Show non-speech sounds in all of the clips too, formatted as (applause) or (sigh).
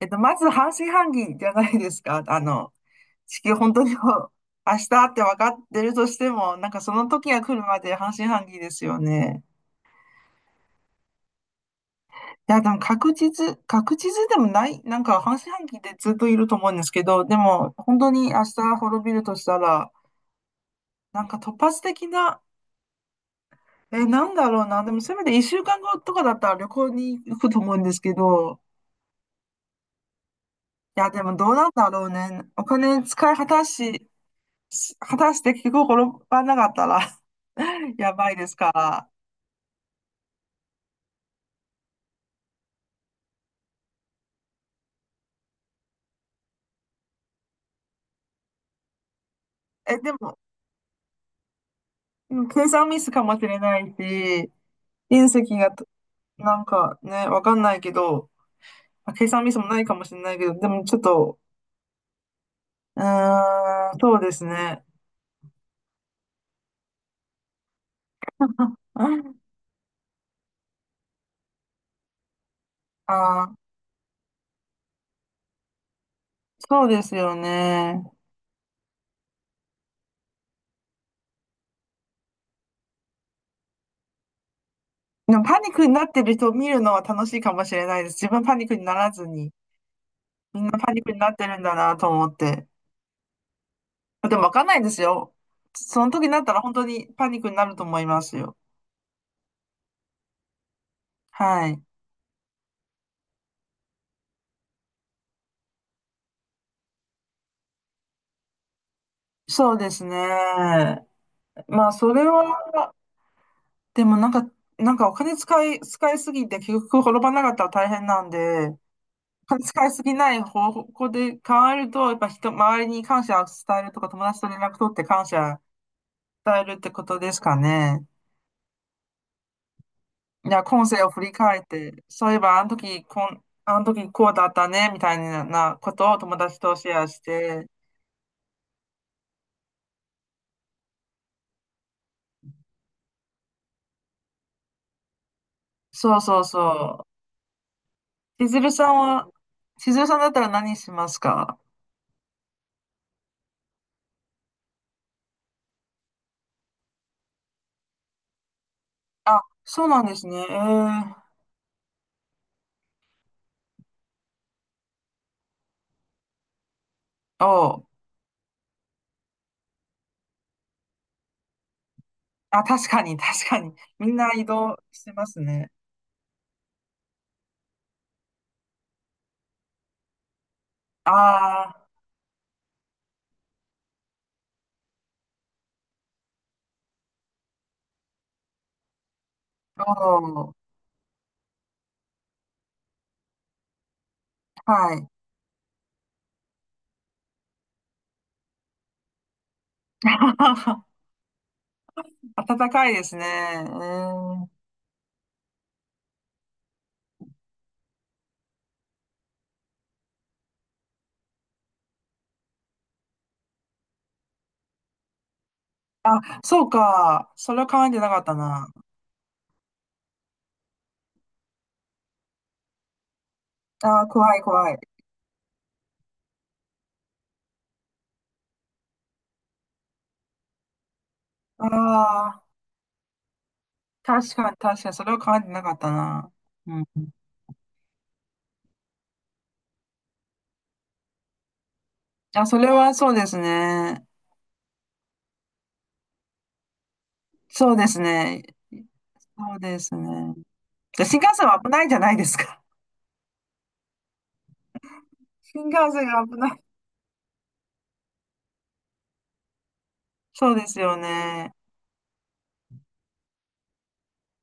まず半信半疑じゃないですか。(laughs) あの、地球本当にこう (laughs) 明日って分かってるとしても、なんかその時が来るまで半信半疑ですよね。いや、でも確実でもない、なんか半信半疑でずっといると思うんですけど、でも本当に明日滅びるとしたら、なんか突発的な、なんだろうな、でもせめて1週間後とかだったら旅行に行くと思うんですけど、いや、でもどうなんだろうね。お金使い果たし、し果たして結局転ばなかったら (laughs) やばいですから。え、でも、うん、計算ミスかもしれないし、隕石がと、なんかね、わかんないけど、あ、計算ミスもないかもしれないけど、でもちょっと、うーん、そうですね。うん、あー、そうですよね。でもパニックになってる人を見るのは楽しいかもしれないです。自分パニックにならずに、みんなパニックになってるんだなと思って。でもわかんないですよ。その時になったら本当にパニックになると思いますよ。はい。そうですね。まあ、それは、でもなんか、なんかお金使いすぎて結局転ばなかったら大変なんで、お金使いすぎない方向で考えると、やっぱ人、周りに感謝を伝えるとか、友達と連絡取って感謝伝えるってことですかね。いや、今世を振り返って、そういえばあの時こん、あの時こうだったね、みたいなことを友達とシェアして、そうそうそう。千鶴さんだったら何しますか？あ、そうなんですね。えー、おう、あ、確かに、確かに。みんな移動してますね。ああ、おう、はい。(laughs) 暖かいですね。えー、あ、そうか。それを考えてなかったな。あー、怖い、怖い。ああ、確かに、確かに、それを考えてなかったな。うん。あ、それはそうですね。そうですね。そうですね。で、新幹線は危ないじゃないですか。(laughs) 新幹線が危ない。そうですよね。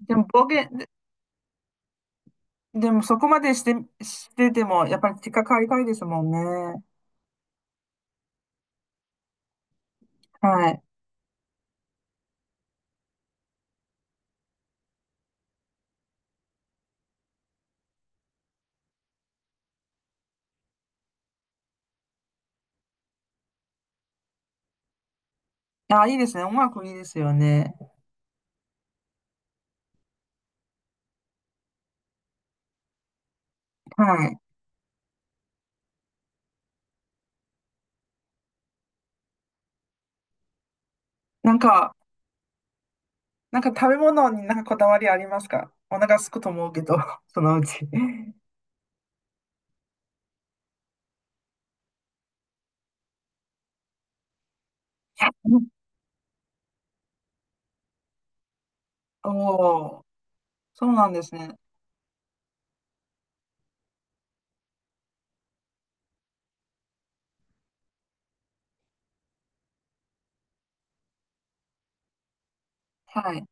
でも、暴言、で、でもそこまでして、ても、やっぱり結果変わりたいですもんね。はい。あ、いいですね。音楽いいですよね。はい。なんか、なんか食べ物になんかこだわりありますか？お腹すくと思うけど、(laughs) そのうち。(laughs) お、お、そうなんですね。はい。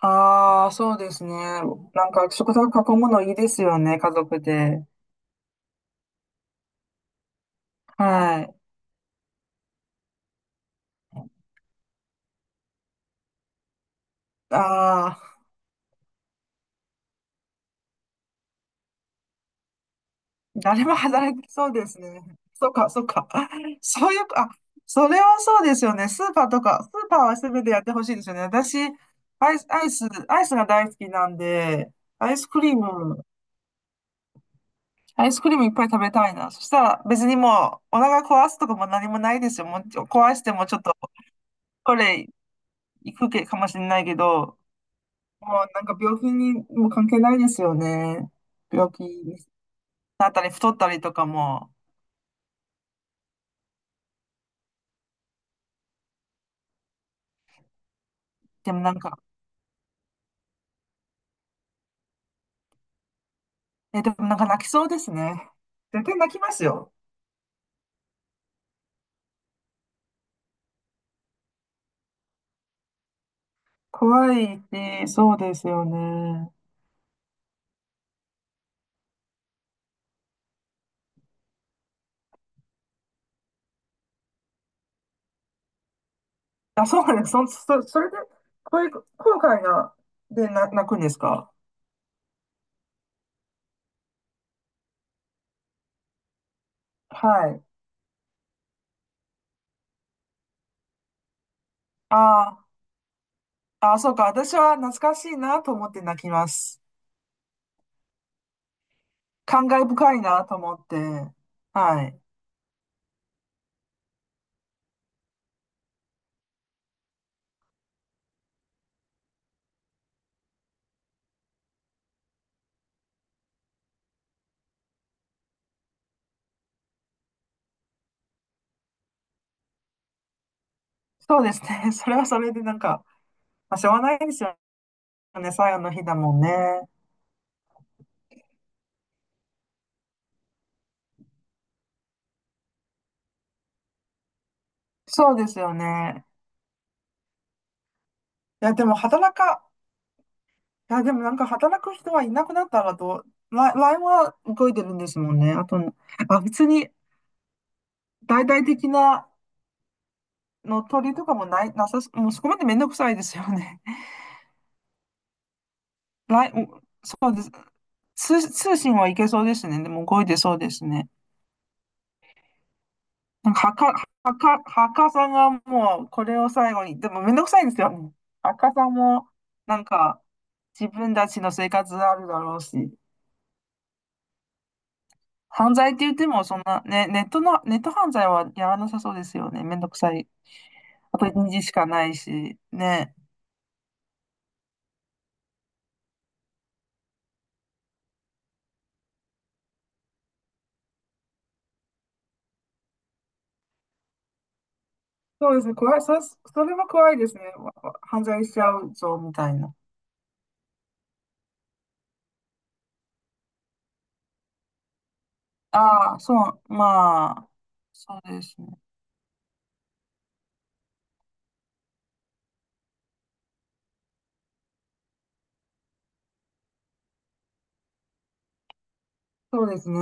ああ、そうですね。なんか食卓囲むのいいですよね、家族で。はい。ああ、誰も働きそうですね。そうか、そうか。(laughs) そういうか、あ、それはそうですよね。スーパーは全てやってほしいですよね。私、アイスが大好きなんで、アイスクリーム、アイスクリームいっぱい食べたいな。そしたら別にもう、お腹壊すとかも何もないですよ。もうちょ壊してもちょっと、これ、行くけかもしれないけど、もうなんか病気にも関係ないですよね。病気になったり、太ったりとかも。でもなんか、でもなんか泣きそうですね。絶対泣きますよ。怖いし、そうですよね。あ、そうです。それで、こういう、後悔が、で、泣くんですか？はい。ああ、あ、そうか。私は懐かしいなと思って泣きます。感慨深いなと思って。はい。そうですね。(laughs) それはそれでなんか、まあ、しょうがないですよね。最後の日だもんね。そうですよね。いや、でも働か、いや、でもなんか働く人はいなくなったらと、LINE は動いてるんですもんね。あと、あ、別に大々的なの取りとかもない、なさす、もうそこまでめんどくさいですよね。(laughs) l そうです。通信はいけそうですね。でも動いてそうですね。なんか、はかさんがもうこれを最後に、でもめんどくさいですよね。はかさんも、なんか、自分たちの生活あるだろうし。犯罪って言っても、そんな、ね、ネット犯罪はやらなさそうですよね。めんどくさい。アプリにしかないし、ね。そうですね、怖い、それは怖いですね。犯罪しちゃうぞ、みたいな。ああ、そう、まあ、そうですね。そうですね。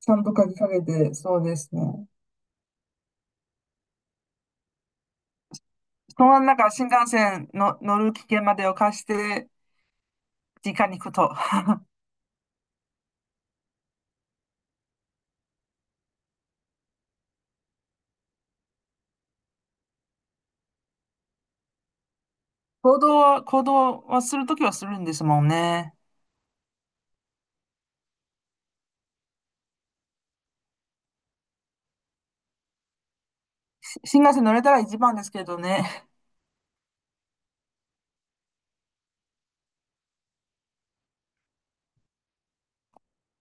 ちゃんと鍵かけて、そうですね。そのなんか新幹線の乗る危険までを貸して、実家に行くと。行動はするときはするんですもんね。新幹線乗れたら一番ですけどね。